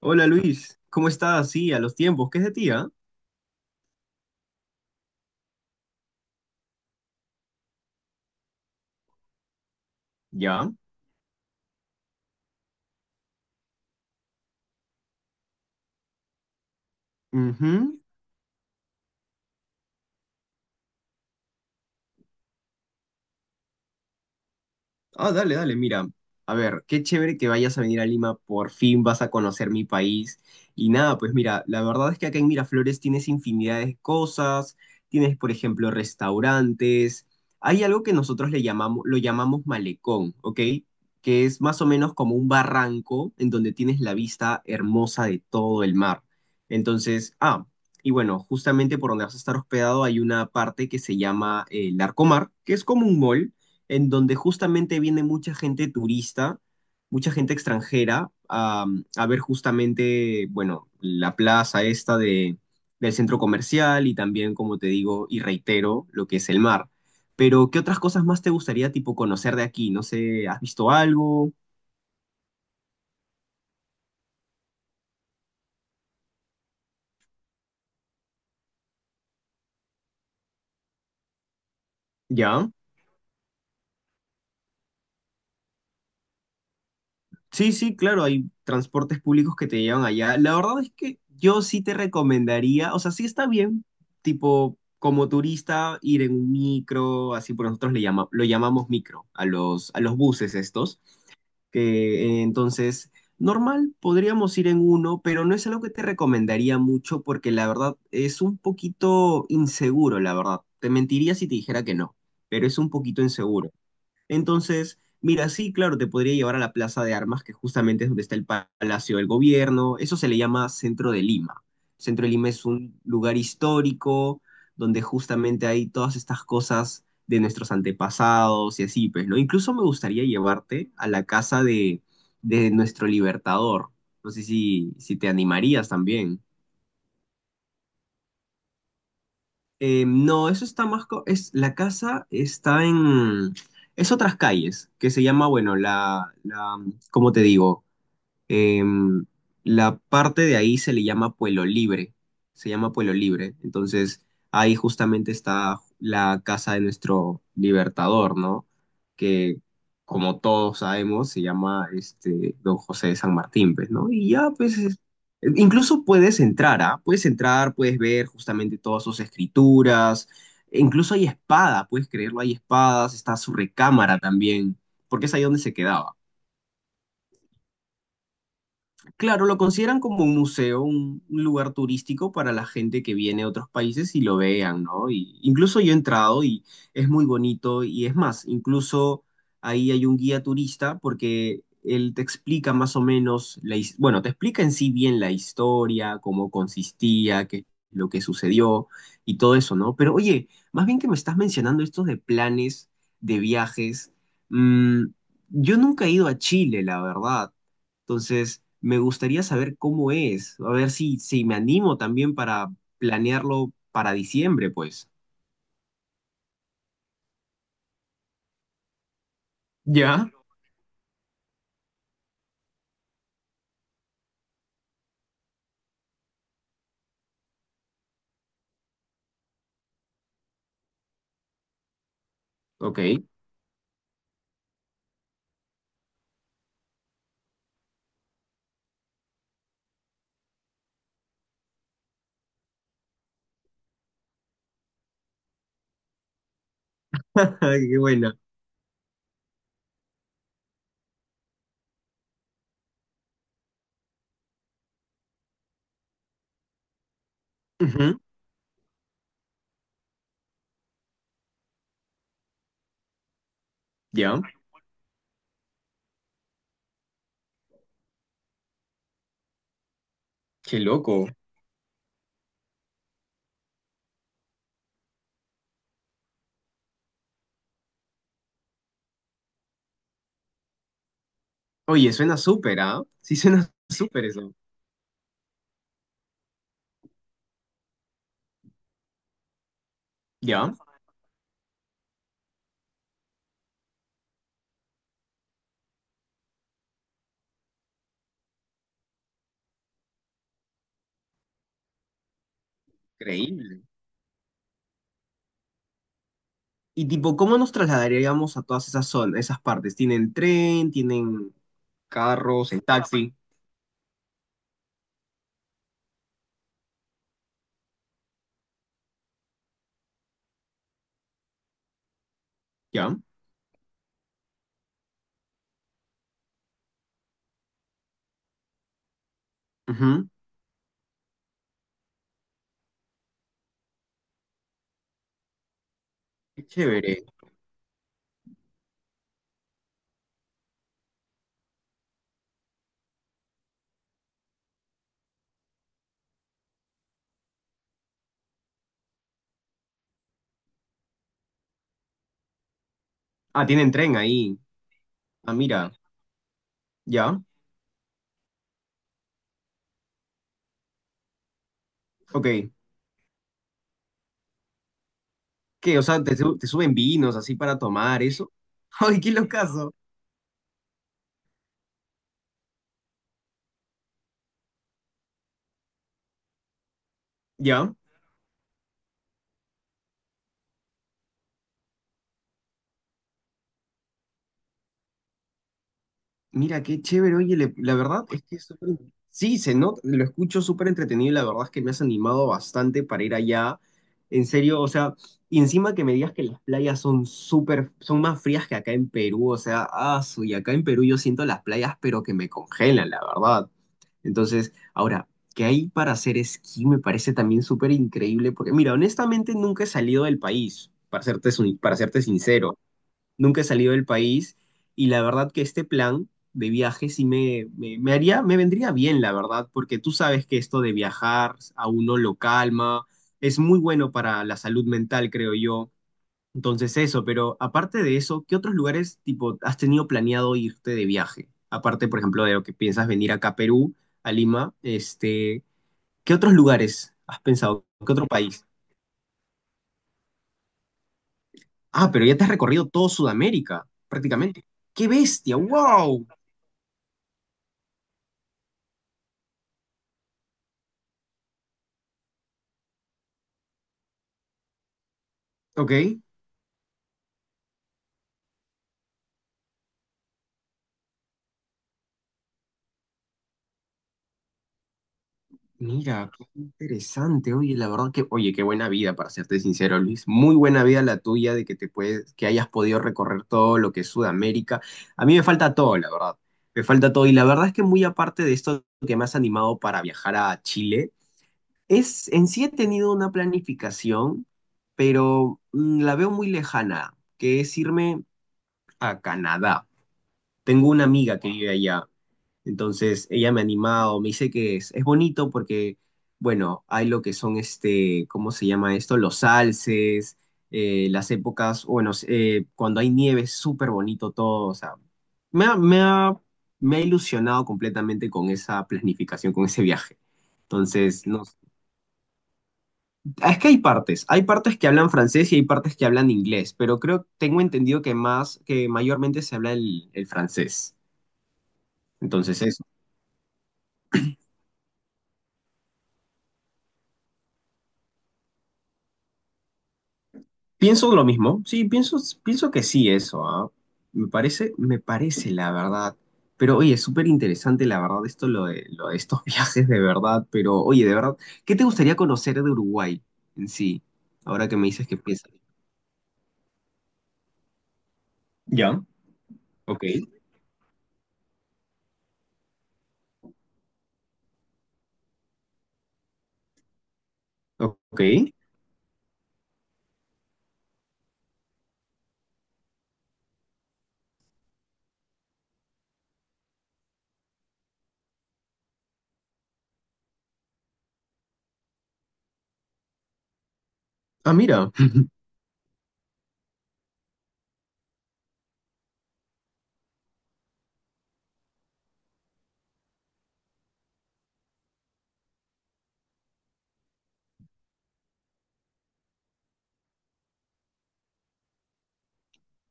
Hola Luis, ¿cómo estás? Sí, a los tiempos, ¿qué es de ti, ah? Ya. Ujú. Ah, dale, dale, mira. A ver, qué chévere que vayas a venir a Lima, por fin vas a conocer mi país. Y nada, pues mira, la verdad es que acá en Miraflores tienes infinidad de cosas, tienes, por ejemplo, restaurantes. Hay algo que nosotros le llamamos, lo llamamos malecón, ¿ok? Que es más o menos como un barranco en donde tienes la vista hermosa de todo el mar. Entonces, y bueno, justamente por donde vas a estar hospedado hay una parte que se llama el Arcomar, que es como un mall en donde justamente viene mucha gente turista, mucha gente extranjera a ver justamente, bueno, la plaza esta de, del centro comercial y también, como te digo y reitero, lo que es el mar. Pero, ¿qué otras cosas más te gustaría, tipo, conocer de aquí? No sé, ¿has visto algo? ¿Ya? Sí, sí, claro, hay transportes públicos que te llevan allá. La verdad es que yo sí te recomendaría, o sea, sí está bien, tipo, como turista, ir en un micro, así por nosotros le llama, lo llamamos micro, a los buses estos, que entonces, normal, podríamos ir en uno, pero no es algo que te recomendaría mucho porque la verdad es un poquito inseguro, la verdad. Te mentiría si te dijera que no, pero es un poquito inseguro. Entonces, mira, sí, claro, te podría llevar a la Plaza de Armas, que justamente es donde está el Palacio del Gobierno. Eso se le llama Centro de Lima. Centro de Lima es un lugar histórico donde justamente hay todas estas cosas de nuestros antepasados y así, pues, ¿no? Incluso me gustaría llevarte a la casa de nuestro libertador. No sé si, si te animarías también. No, eso está más... co- Es, la casa está en... Es otras calles, que se llama, bueno, la, ¿cómo te digo? Eh, la parte de ahí se le llama Pueblo Libre, se llama Pueblo Libre. Entonces, ahí justamente está la casa de nuestro libertador, ¿no? Que, como todos sabemos, se llama este Don José de San Martín, pues, ¿no? Y ya, pues, es- incluso puedes entrar, ¿ah? Puedes entrar, puedes ver justamente todas sus escrituras. E incluso hay espada, puedes creerlo, hay espadas, está su recámara también, porque es ahí donde se quedaba. Claro, lo consideran como un museo, un lugar turístico para la gente que viene de otros países y lo vean, ¿no? Y incluso yo he entrado y es muy bonito y es más, incluso ahí hay un guía turista porque él te explica más o menos, la, his- bueno, te explica en sí bien la historia, cómo consistía, qué lo que sucedió y todo eso, ¿no? Pero oye, más bien que me estás mencionando estos de planes, de viajes, mm, yo nunca he ido a Chile, la verdad. Entonces, me gustaría saber cómo es, a ver si, si me animo también para planearlo para diciembre, pues. Ya, ok. Ay, qué buena. Ujú, ya, qué loco. Oye, suena súper, ¿ah? Sí, suena súper eso. Ya, increíble. Y tipo, ¿cómo nos trasladaríamos a todas esas zonas, esas partes? ¿Tienen tren? ¿Tienen carros? ¿En taxi? Ya, ujú, qué chévere. Ah, tienen tren ahí. Ah, mira. Ya, ok. ¿Qué? O sea, te, su- te suben vinos así para tomar eso. Ay, qué locazo. ¿Ya? Mira, qué chévere, oye, le- la verdad es que es súper... Sí, se nota, lo escucho súper entretenido y la verdad es que me has animado bastante para ir allá. En serio, o sea, y encima que me digas que las playas son súper, son más frías que acá en Perú, o sea, ah, su- y acá en Perú yo siento las playas, pero que me congelan, la verdad. Entonces, ahora, ¿qué hay para hacer esquí? Me parece también súper increíble, porque mira, honestamente nunca he salido del país, para serte, sin- para serte sincero nunca he salido del país y la verdad que este plan de viaje sí me haría, me vendría bien, la verdad, porque tú sabes que esto de viajar a uno lo calma, es muy bueno para la salud mental, creo yo. Entonces eso, pero aparte de eso, ¿qué otros lugares tipo has tenido planeado irte de viaje? Aparte, por ejemplo, de lo que piensas venir acá a Perú, a Lima, este, ¿qué otros lugares has pensado? ¿Qué otro país? Ah, pero ya te has recorrido todo Sudamérica, prácticamente. ¡Qué bestia! ¡Wow! Ok. Mira, qué interesante. Oye, la verdad que, oye, qué buena vida, para serte sincero, Luis. Muy buena vida la tuya de que te puedes, que hayas podido recorrer todo lo que es Sudamérica. A mí me falta todo, la verdad. Me falta todo. Y la verdad es que muy aparte de esto que me has animado para viajar a Chile, es, en sí he tenido una planificación, pero la veo muy lejana, que es irme a Canadá. Tengo una amiga que vive allá entonces ella me ha animado, me dice que es bonito porque, bueno, hay lo que son este, ¿cómo se llama esto? Los alces, las épocas, bueno, cuando hay nieve es súper bonito todo, o sea, me ha, me ha, me ha ilusionado completamente con esa planificación, con ese viaje. Entonces, no, es que hay partes que hablan francés y hay partes que hablan inglés, pero creo, tengo entendido que más, que mayormente se habla el francés. Entonces, pienso lo mismo, sí, pienso, pienso que sí eso, ¿ah? Me parece la verdad. Pero oye, es súper interesante la verdad esto, lo de estos viajes de verdad, pero oye, de verdad, ¿qué te gustaría conocer de Uruguay en sí? Ahora que me dices que piensas. Ya, ok, ok. Ah, mira,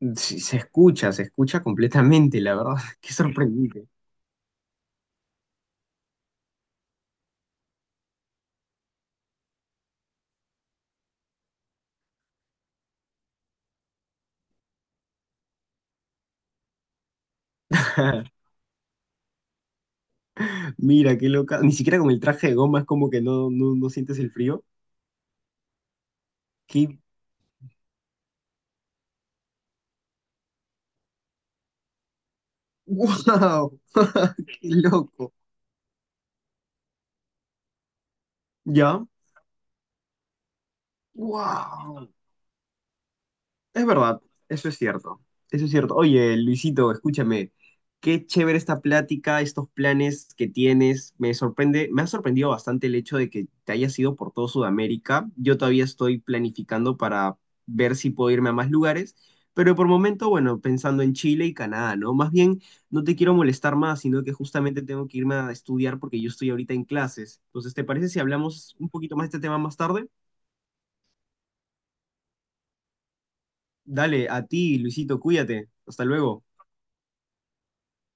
sí, se escucha completamente, la verdad, qué sorprendente. Mira, qué loca, ni siquiera con el traje de goma es como que no, no, no sientes el frío. Qué... ¡Wow! ¡Qué loco! Ya. Wow. Es verdad, eso es cierto. Eso es cierto. Oye, Luisito, escúchame. Qué chévere esta plática, estos planes que tienes. Me sorprende, me ha sorprendido bastante el hecho de que te hayas ido por todo Sudamérica. Yo todavía estoy planificando para ver si puedo irme a más lugares, pero por momento, bueno, pensando en Chile y Canadá, ¿no? Más bien, no te quiero molestar más, sino que justamente tengo que irme a estudiar porque yo estoy ahorita en clases. Entonces, ¿te parece si hablamos un poquito más de este tema más tarde? Dale, a ti, Luisito, cuídate. Hasta luego.